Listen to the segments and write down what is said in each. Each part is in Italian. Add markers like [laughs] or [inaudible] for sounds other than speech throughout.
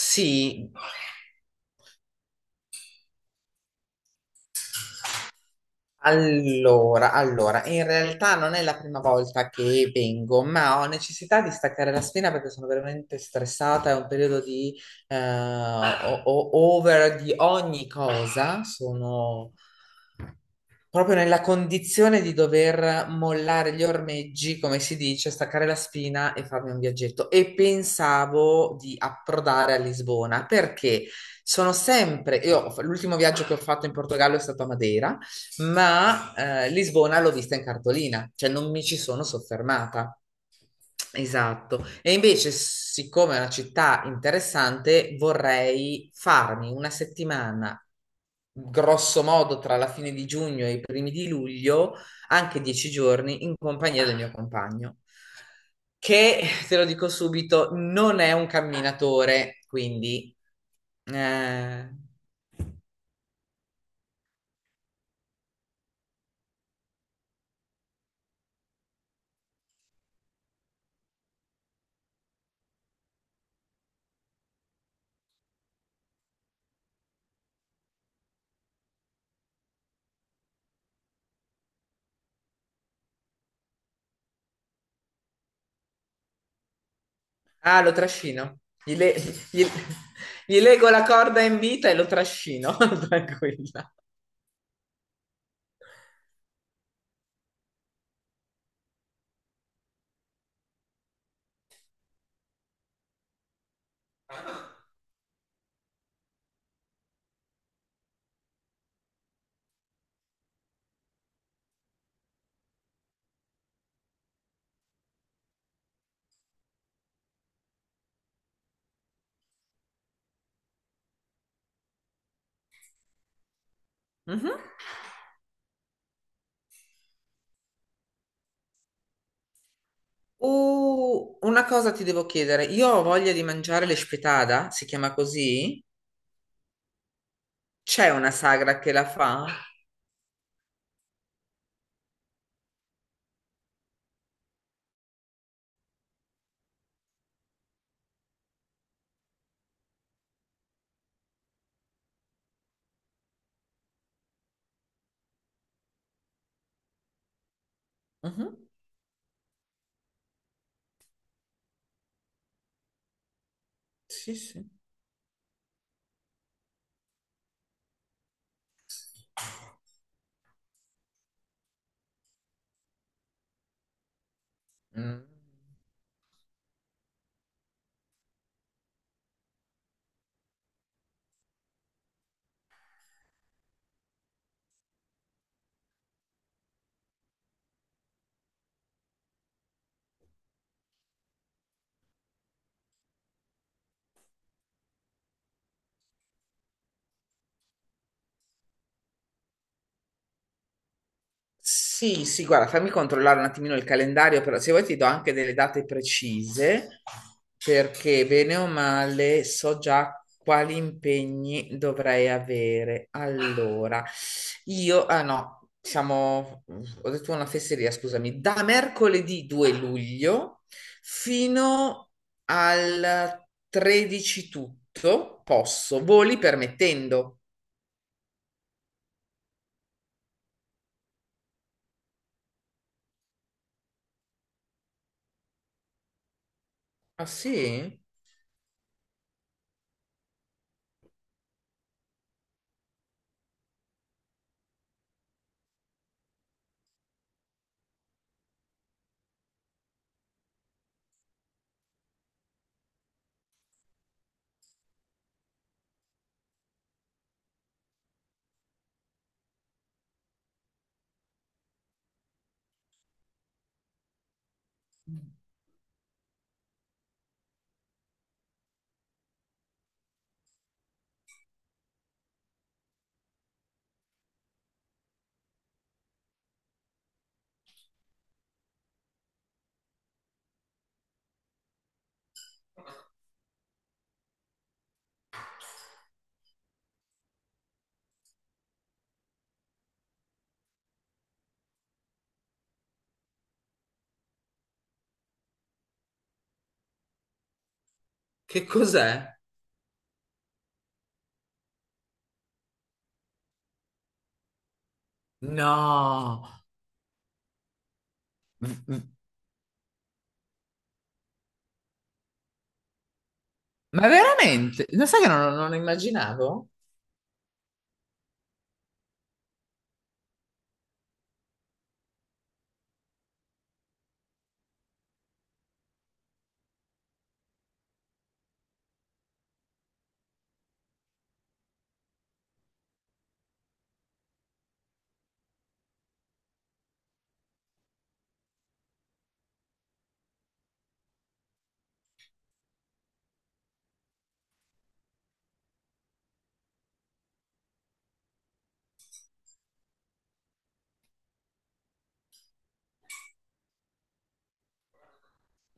Sì, allora, in realtà non è la prima volta che vengo, ma ho necessità di staccare la spina perché sono veramente stressata, è un periodo di over di ogni cosa, sono proprio nella condizione di dover mollare gli ormeggi, come si dice, staccare la spina e farmi un viaggetto. E pensavo di approdare a Lisbona perché sono sempre, io ho fa- l'ultimo viaggio che ho fatto in Portogallo è stato a Madeira, ma Lisbona l'ho vista in cartolina, cioè non mi ci sono soffermata. Esatto. E invece, siccome è una città interessante, vorrei farmi una settimana, grosso modo tra la fine di giugno e i primi di luglio, anche 10 giorni, in compagnia del mio compagno, che, te lo dico subito, non è un camminatore, quindi... eh, Ah, lo trascino. Gli- Gli lego la corda in vita e lo trascino, [laughs] tranquilla. Mhm. Una cosa ti devo chiedere, io ho voglia di mangiare l'espetada, si chiama così? C'è una sagra che la fa? Mhm. Sì, sì. Mm. Sì, sì, guarda, fammi controllare un attimino il calendario, però se vuoi ti do anche delle date precise, perché bene o male so già quali impegni dovrei avere. Allora, io, ah no, siamo, ho detto una fesseria, scusami, da mercoledì 2 luglio fino al 13 tutto posso, voli permettendo. Ah sì? Che cos'è? No. Ma veramente? Lo sai che non lo immaginavo?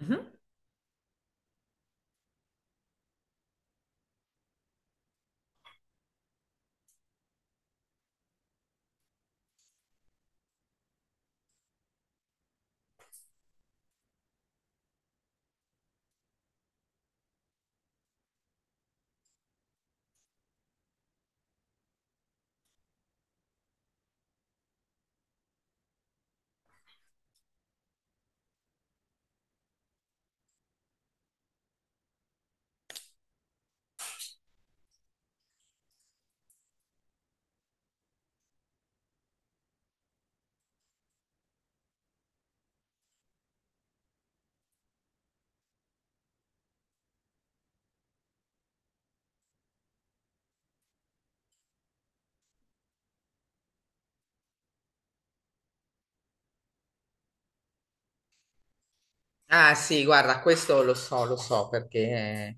Mhm. Ah sì, guarda, questo lo so perché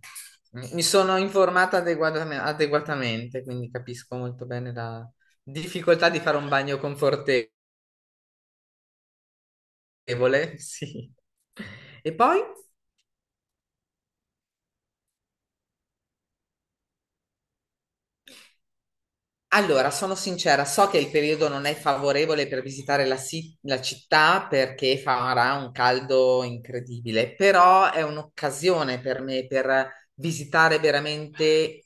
mi sono informata adeguatamente, quindi capisco molto bene la difficoltà di fare un bagno confortevole. [laughs] Sì. E poi? Allora, sono sincera, so che il periodo non è favorevole per visitare la città perché farà un caldo incredibile, però è un'occasione per me per visitare veramente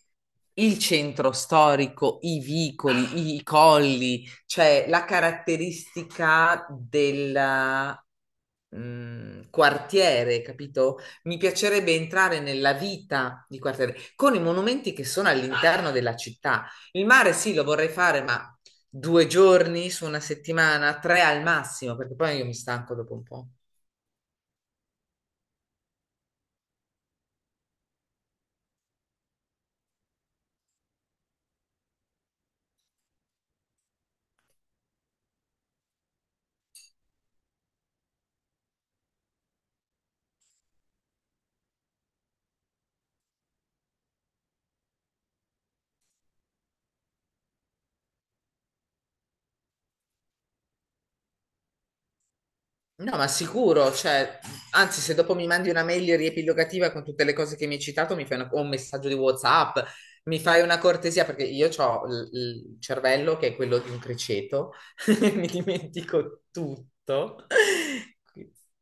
il centro storico, i vicoli, i colli, cioè la caratteristica del quartiere, capito? Mi piacerebbe entrare nella vita di quartiere con i monumenti che sono all'interno della città. Il mare sì, lo vorrei fare, ma 2 giorni su una settimana, tre al massimo, perché poi io mi stanco dopo un po'. No, ma sicuro, cioè, anzi, se dopo mi mandi una mail riepilogativa con tutte le cose che mi hai citato, mi fai o un messaggio di WhatsApp, mi fai una cortesia, perché io ho il cervello che è quello di un criceto, [laughs] mi dimentico tutto. [laughs]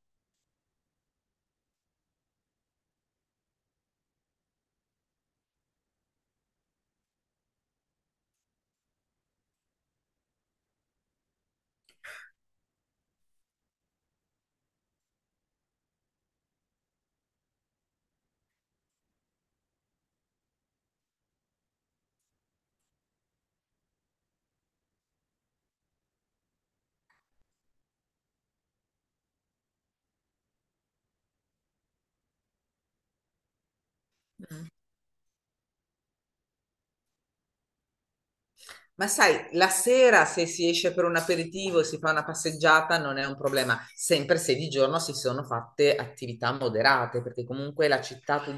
Ma sai, la sera se si esce per un aperitivo e si fa una passeggiata non è un problema, sempre se di giorno si sono fatte attività moderate, perché comunque la città tu,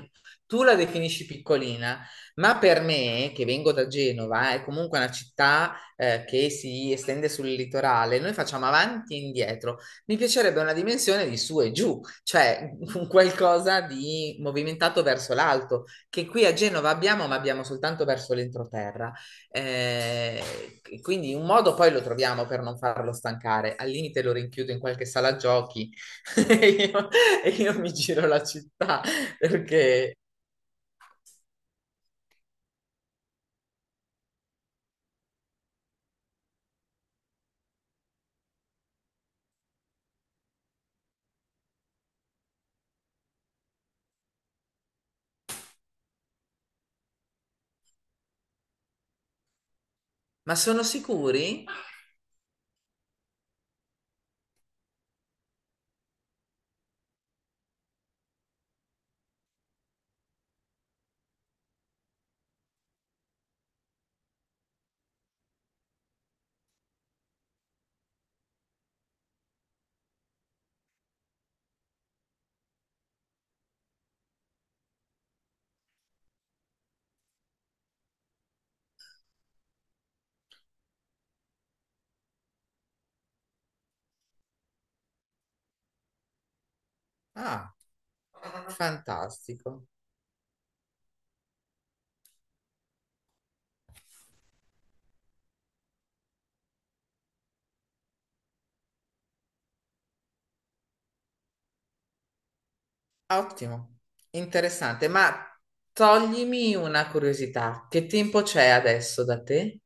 tu la definisci piccolina, ma per me, che vengo da Genova, è comunque una città che si estende sul litorale, noi facciamo avanti e indietro. Mi piacerebbe una dimensione di su e giù, cioè un qualcosa di movimentato verso l'alto, che qui a Genova abbiamo, ma abbiamo soltanto verso l'entroterra. Quindi un modo poi lo troviamo per non farlo stancare. Al limite lo rinchiudo in qualche sala giochi [laughs] e io, e io mi giro la città perché... Ma sono sicuri? Ah, fantastico. Ottimo, interessante. Ma toglimi una curiosità. Che tempo c'è adesso da te?